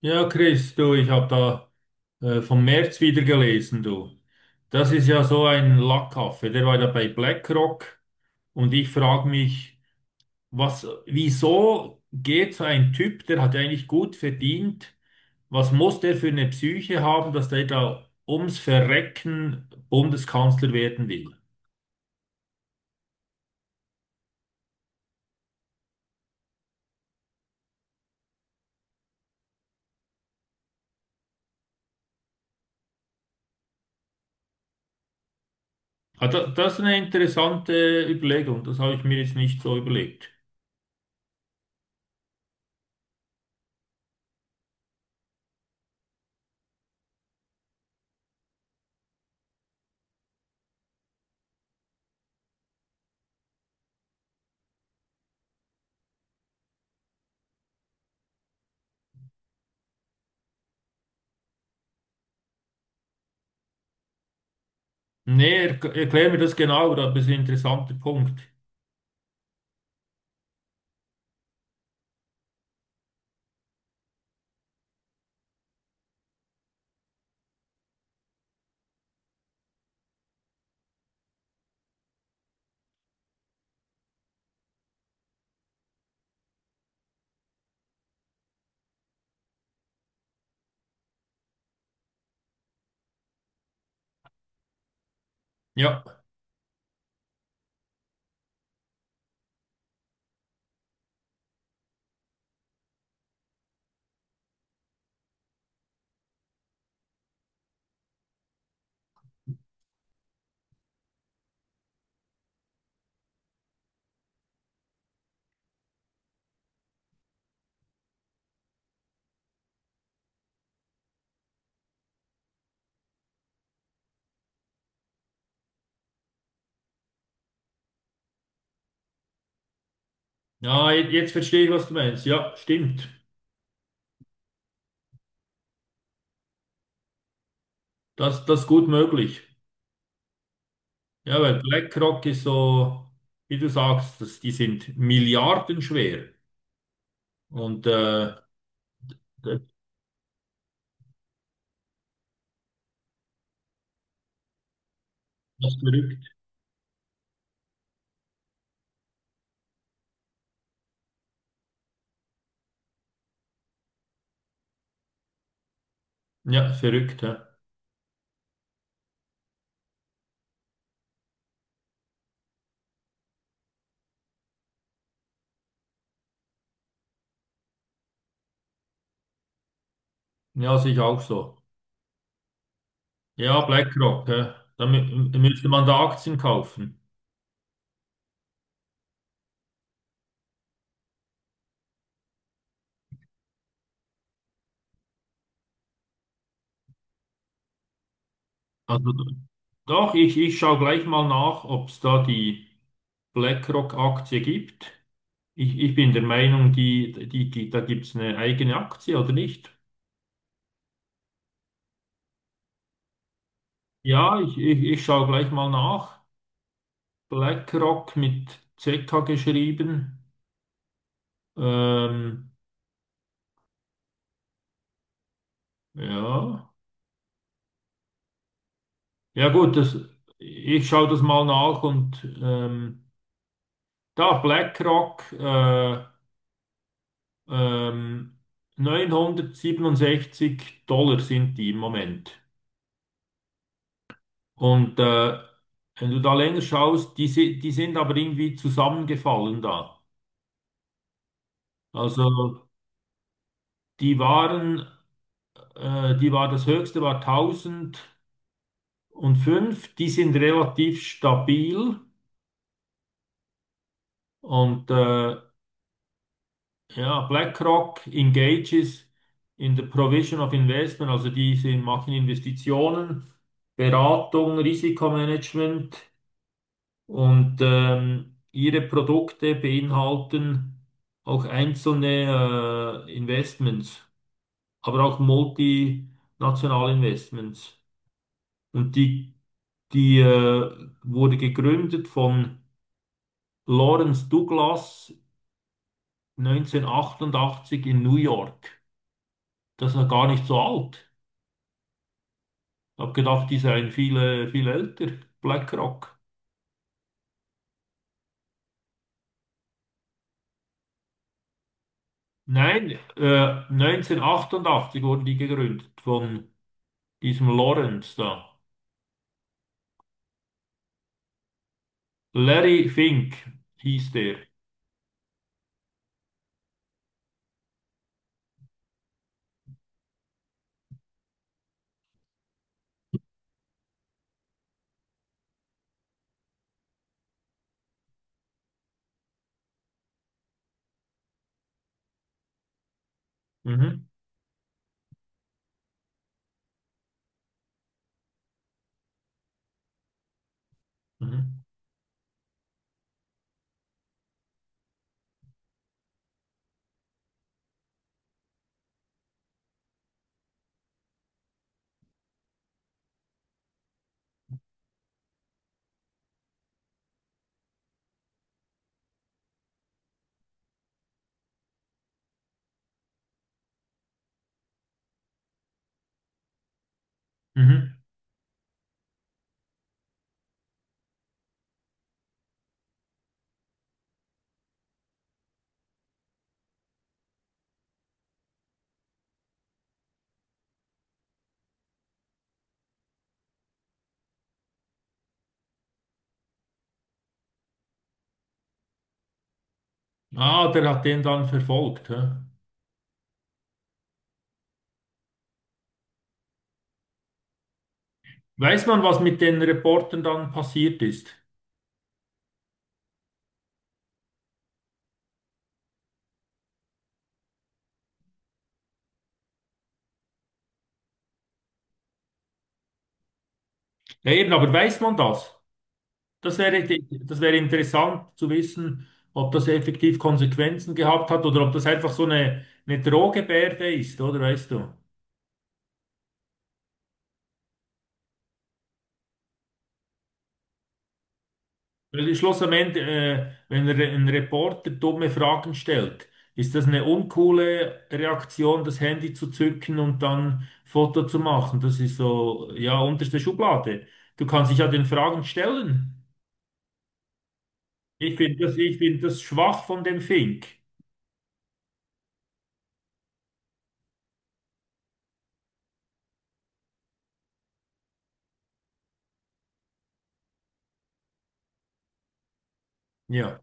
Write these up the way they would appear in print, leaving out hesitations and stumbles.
Ja, Chris, du, ich habe da vom März wieder gelesen, du. Das ist ja so ein Lackaffe, der war da bei BlackRock und ich frage mich, was, wieso geht so ein Typ, der hat ja eigentlich gut verdient, was muss der für eine Psyche haben, dass der da ums Verrecken Bundeskanzler werden will? Ah, das ist eine interessante Überlegung, das habe ich mir jetzt nicht so überlegt. Nee, er, erklär mir das genau, aber das ist ein interessanter Punkt. Ja. Ja, jetzt verstehe ich, was du meinst. Ja, stimmt. Das ist gut möglich. Ja, weil BlackRock ist so, wie du sagst, das, die sind milliardenschwer. Und das ist verrückt. Ja, verrückt. Ja, ja sehe ich auch so. Ja, BlackRock. Ja. Da müsste man da Aktien kaufen. Also doch, ich schaue gleich mal nach, ob es da die BlackRock-Aktie gibt. Ich bin der Meinung, da gibt es eine eigene Aktie oder nicht. Ja, ich schaue gleich mal nach. BlackRock mit ZK geschrieben. Ähm, ja. Ja gut, das, ich schaue das mal nach und da BlackRock ähm, $967 sind die im Moment. Und wenn du da länger schaust, die, die sind aber irgendwie zusammengefallen da. Also die waren, die war das höchste war 1000 und fünf, die sind relativ stabil und ja, BlackRock engages in the provision of investment, also die sind, machen Investitionen, Beratung, Risikomanagement und ihre Produkte beinhalten auch einzelne Investments, aber auch multinationale Investments. Und die, die wurde gegründet von Lawrence Douglas 1988 in New York. Das ist noch gar nicht so alt. Ich habe gedacht, die seien viele, viel älter. BlackRock. Nein, 1988 wurden die gegründet von diesem Lawrence da. Larry Fink hieß der. Mhm, mhm, mhm. Ah, der hat den dann verfolgt. Hä? Weiß man, was mit den Reportern dann passiert ist? Ja, eben, aber weiß man das? Das wäre interessant zu wissen, ob das effektiv Konsequenzen gehabt hat oder ob das einfach so eine Drohgebärde ist, oder weißt du? Weil im Schluss am Ende, wenn ein Reporter dumme Fragen stellt, ist das eine uncoole Reaktion, das Handy zu zücken und dann Foto zu machen. Das ist so, ja, unterste Schublade. Du kannst dich ja den Fragen stellen. Ich finde das schwach von dem Fink. Ja.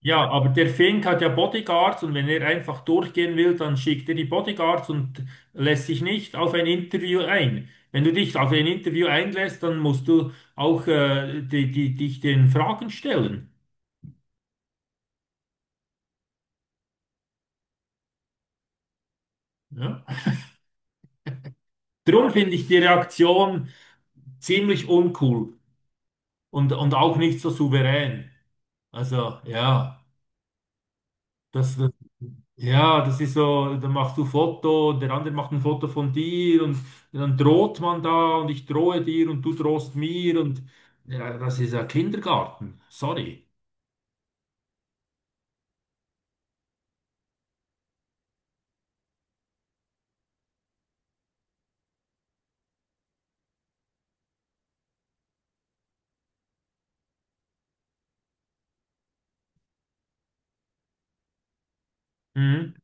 Ja, aber der Fink hat ja Bodyguards und wenn er einfach durchgehen will, dann schickt er die Bodyguards und lässt sich nicht auf ein Interview ein. Wenn du dich auf ein Interview einlässt, dann musst du auch dich den Fragen stellen. Ja? Darum finde ich die Reaktion ziemlich uncool und auch nicht so souverän. Also ja, das. Ja, das ist so, da machst du Foto, und der andere macht ein Foto von dir und dann droht man da und ich drohe dir und du drohst mir und ja, das ist ja Kindergarten, sorry. Mhm.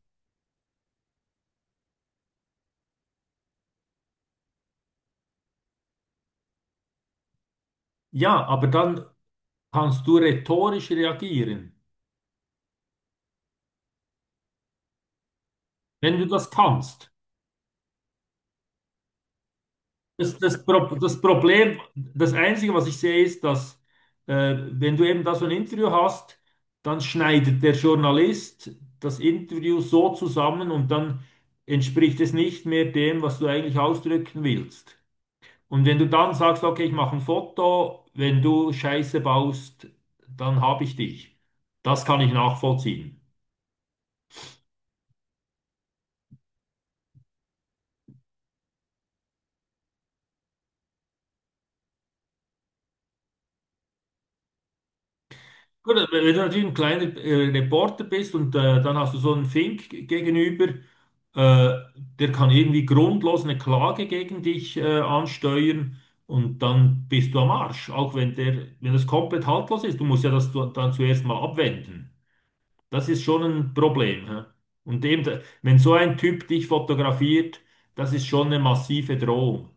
Ja, aber dann kannst du rhetorisch reagieren, wenn du das kannst. Das Problem, das Einzige, was ich sehe, ist, dass wenn du eben da so ein Interview hast, dann schneidet der Journalist das Interview so zusammen und dann entspricht es nicht mehr dem, was du eigentlich ausdrücken willst. Und wenn du dann sagst, okay, ich mache ein Foto, wenn du Scheiße baust, dann habe ich dich. Das kann ich nachvollziehen. Gut, wenn du natürlich ein kleiner Reporter bist und dann hast du so einen Fink gegenüber, äh, der kann irgendwie grundlos eine Klage gegen dich ansteuern und dann bist du am Arsch, auch wenn der, wenn das komplett haltlos ist. Du musst ja das dann zuerst mal abwenden. Das ist schon ein Problem. Hä? Und eben, wenn so ein Typ dich fotografiert, das ist schon eine massive Drohung.